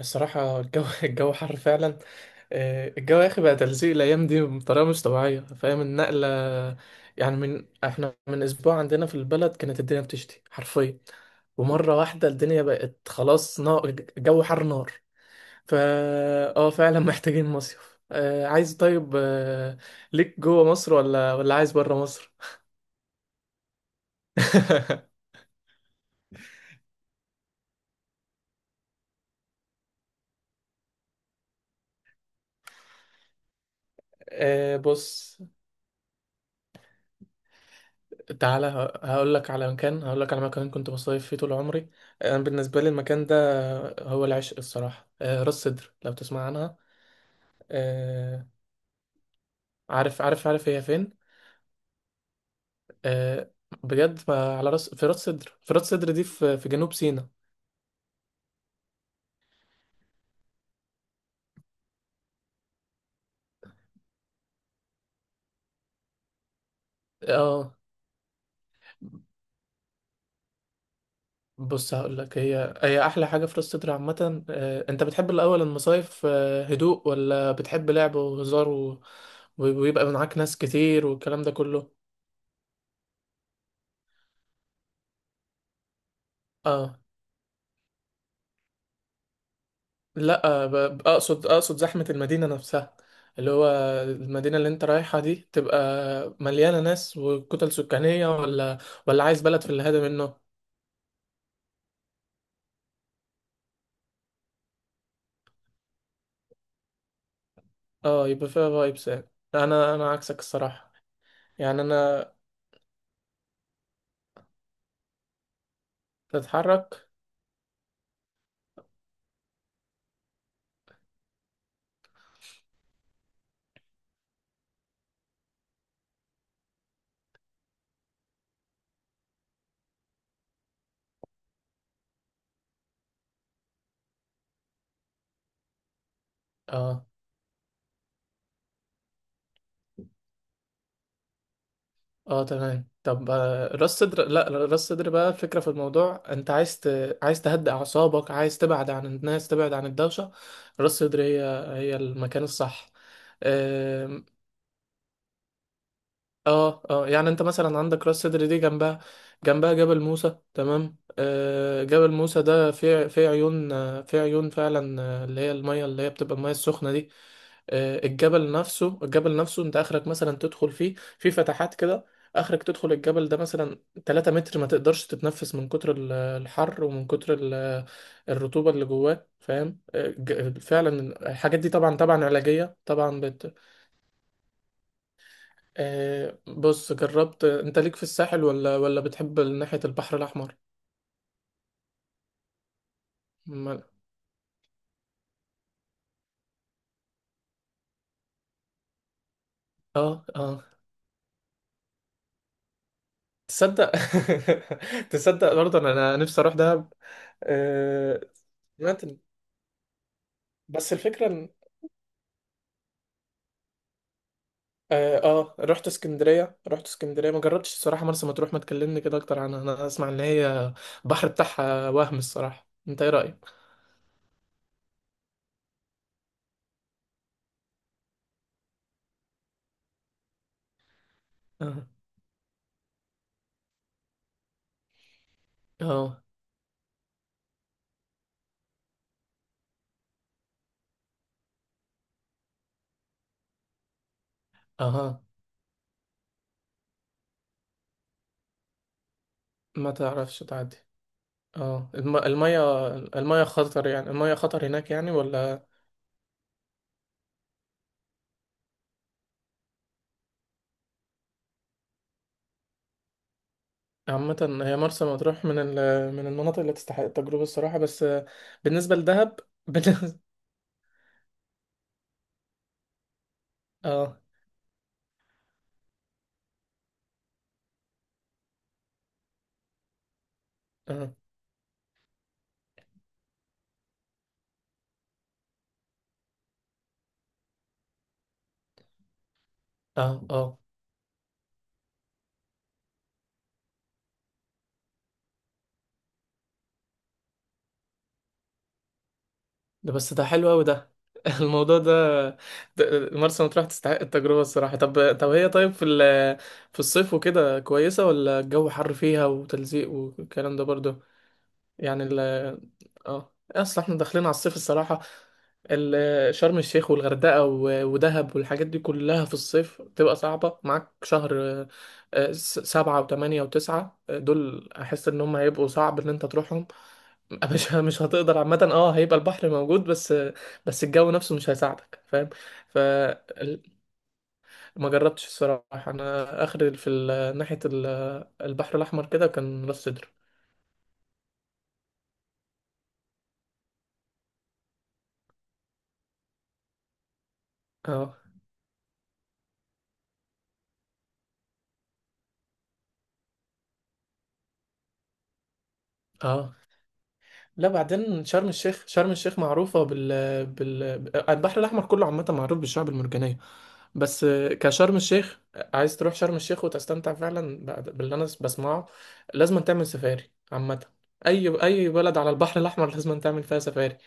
الصراحة، الجو الجو حر فعلا. الجو يا أخي بقى تلزيق الأيام دي بطريقة مش طبيعية. فاهم النقلة؟ يعني من احنا من أسبوع عندنا في البلد كانت الدنيا بتشتي حرفيا، ومرة واحدة الدنيا بقت خلاص نار. الجو حر نار. فا اه فعلا. محتاجين مصيف، عايز طيب، ليك جوه مصر ولا عايز بره مصر؟ بص، تعالى هقول لك على مكان كنت بصيف فيه طول عمري. انا بالنسبه لي المكان ده هو العشق الصراحه. راس سدر، لو تسمع عنها. آه، عارف عارف عارف هي فين. آه، بجد، ما على راس في راس سدر، دي في جنوب سيناء. اه بص، هقول لك هي هي احلى حاجه في راس سدر عامه. انت بتحب الاول المصايف، هدوء، ولا بتحب لعب وهزار و... ويبقى معاك ناس كتير والكلام ده كله. اه لا، اقصد زحمة المدينة نفسها، اللي هو المدينة اللي انت رايحها دي تبقى مليانة ناس وكتل سكانية، ولا عايز بلد في الهادي منه. اه، يبقى فيها فايبس يعني. انا عكسك الصراحة، يعني انا بتحرك. اه اه، تمام. طب، راس صدر، لا، راس صدر بقى، الفكرة في الموضوع انت عايز عايز تهدئ اعصابك، عايز تبعد عن الناس، تبعد عن الدوشة. راس صدر هي هي المكان الصح. اه اه، يعني انت مثلا عندك راس سدر دي، جنبها جبل موسى، تمام. آه، جبل موسى ده فيه فيه عيون، فيه عيون فعلا، اللي هي المية، اللي هي بتبقى المية السخنة دي. آه، الجبل نفسه الجبل نفسه، انت اخرك مثلا تدخل فيه في فتحات كده، اخرك تدخل الجبل ده مثلا 3 متر، ما تقدرش تتنفس من كتر الحر ومن كتر الرطوبة اللي جواه، فاهم؟ آه، فعلا. الحاجات دي طبعا طبعا علاجية طبعا. بص، جربت؟ انت ليك في الساحل، ولا بتحب ناحية البحر الأحمر؟ ما... اه اه، تصدق؟ تصدق برضه انا نفسي اروح دهب. آه سمعت إن- بس الفكرة ان رحت اسكندرية، ما جربتش الصراحة مرسى مطروح. ما تكلمني كده اكتر عنها؟ انا اسمع ان هي البحر بتاعها وهم الصراحة، انت ايه رأيك؟ اه اه اه، ما تعرفش تعدي. اه، المية خطر، يعني المية خطر هناك يعني، ولا؟ عامة هي مرسى مطروح من من المناطق اللي تستحق التجربة الصراحة، بس بالنسبة لدهب، بالنسبة. اه اه اه اه، ده بس ده حلو أوي ده. الموضوع ده، مرسى مطروح تستحق التجربة الصراحة. طب طب هي، طيب في في الصيف وكده كويسة، ولا الجو حر فيها وتلزيق والكلام ده برضه؟ يعني ال اه اصل احنا داخلين على الصيف الصراحة. شرم الشيخ والغردقة ودهب والحاجات دي كلها في الصيف بتبقى صعبة معاك. شهر 7 و8 و9، دول أحس إن هم هيبقوا صعب إن أنت تروحهم. مش هتقدر عامة. اه، هيبقى البحر موجود، بس الجو نفسه مش هيساعدك، فاهم؟ فما جربتش الصراحة، أنا آخر في ناحية البحر الأحمر كده كان راس سدر. اه اه، لا، بعدين شرم الشيخ، معروفة البحر الأحمر كله عامة معروف بالشعب المرجانية، بس كشرم الشيخ، عايز تروح شرم الشيخ وتستمتع فعلا باللي أنا بسمعه، لازم تعمل سفاري عامة. أي بلد على البحر الأحمر لازم تعمل فيها سفاري.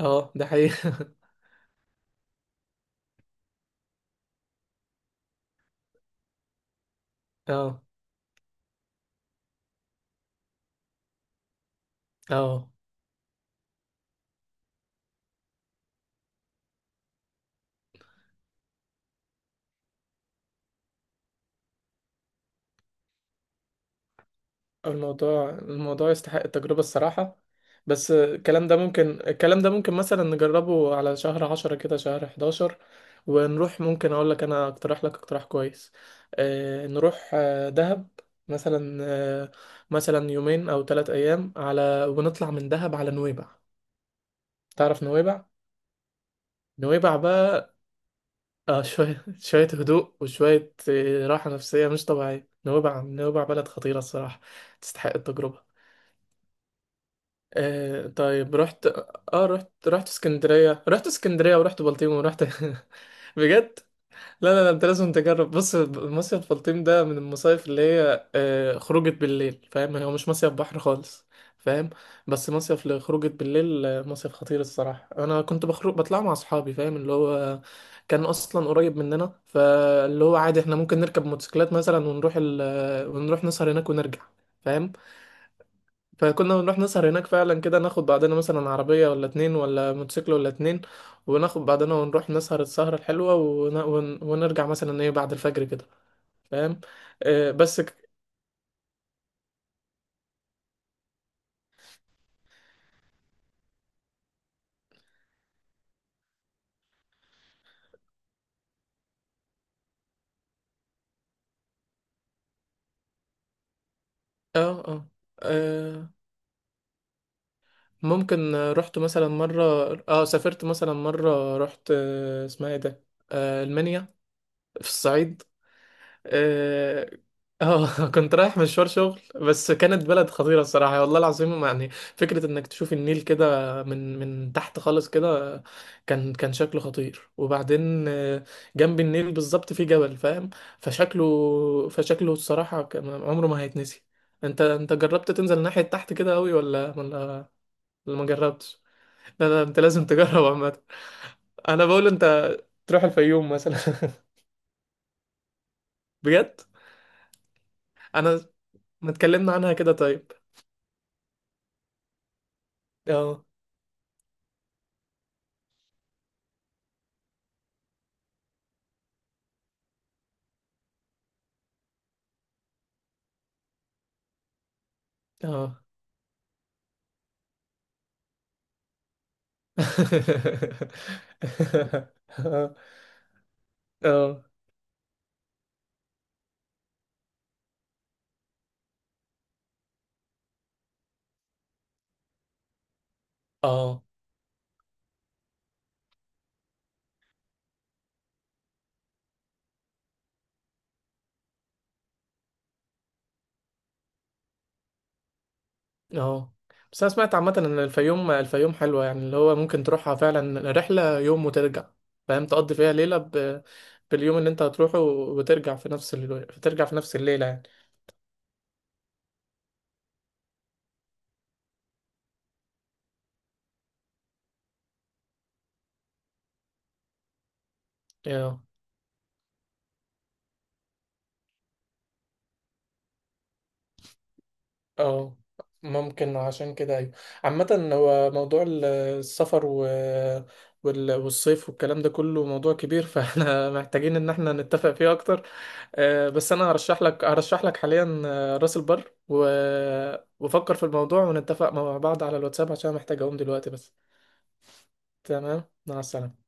اه، ده حقيقي. اه اه، الموضوع يستحق التجربة الصراحة. بس الكلام ده ممكن مثلا نجربه على شهر 10 كده، شهر 11. ونروح، ممكن أقول لك، أنا أقترح لك اقتراح كويس. آه، نروح دهب مثلا، آه يومين أو 3 أيام على، ونطلع من دهب على نويبع. تعرف نويبع؟ نويبع بقى، آه، شوية شوية هدوء وشوية راحة نفسية مش طبيعية. نويبع نويبع بلد خطيرة الصراحة، تستحق التجربة. طيب، رحت. رحت اسكندرية، ورحت بلطيم ورحت. بجد. لا لا لا، انت لازم تجرب. بص، مصيف بلطيم ده من المصايف اللي هي خروجة بالليل، فاهم؟ هو مش مصيف بحر خالص، فاهم؟ بس مصيف لخروجة بالليل، مصيف خطير الصراحة. انا كنت بخرج، بطلع مع اصحابي، فاهم؟ اللي هو كان اصلا قريب مننا، فاللي هو عادي احنا ممكن نركب موتوسيكلات مثلا ونروح ال... آه، ونروح نسهر هناك ونرجع، فاهم؟ فكنا بنروح نسهر هناك فعلا كده، ناخد بعدنا مثلا عربية ولا اتنين ولا موتوسيكل ولا اتنين، وناخد بعدنا ونروح نسهر السهرة الحلوة ونرجع مثلا ايه بعد الفجر كده، فاهم؟ بس اه اه. آه، ممكن رحت مثلا مرة. اه سافرت مثلا مرة رحت، اسمها ايه ده، المنيا في الصعيد. اه، كنت رايح مشوار شغل، بس كانت بلد خطيرة الصراحة والله العظيم. يعني فكرة انك تشوف النيل كده من تحت خالص كده، كان شكله خطير. وبعدين جنب النيل بالظبط في جبل، فاهم؟ فشكله فشكله الصراحة، عمره ما هيتنسي. انت جربت تنزل ناحية تحت كده قوي، ولا ما جربتش؟ لا لا، انت لازم تجرب عامة. انا بقول انت تروح الفيوم مثلا. بجد. انا ما اتكلمنا عنها كده، طيب. اه اه. اه اه اه. بس انا سمعت عامة ان الفيوم حلوة يعني، اللي هو ممكن تروحها فعلا رحلة يوم وترجع، فاهم؟ تقضي فيها ليلة باليوم اللي انت هتروحه وترجع في نفس الليلة يعني. اه اه، ممكن عشان كده. ايوه، عامة هو موضوع السفر والصيف والكلام ده كله موضوع كبير، فاحنا محتاجين ان احنا نتفق فيه اكتر. بس انا هرشح لك حاليا، راس البر، وفكر في الموضوع ونتفق مع بعض على الواتساب عشان محتاج اقوم دلوقتي بس. تمام، مع السلامة.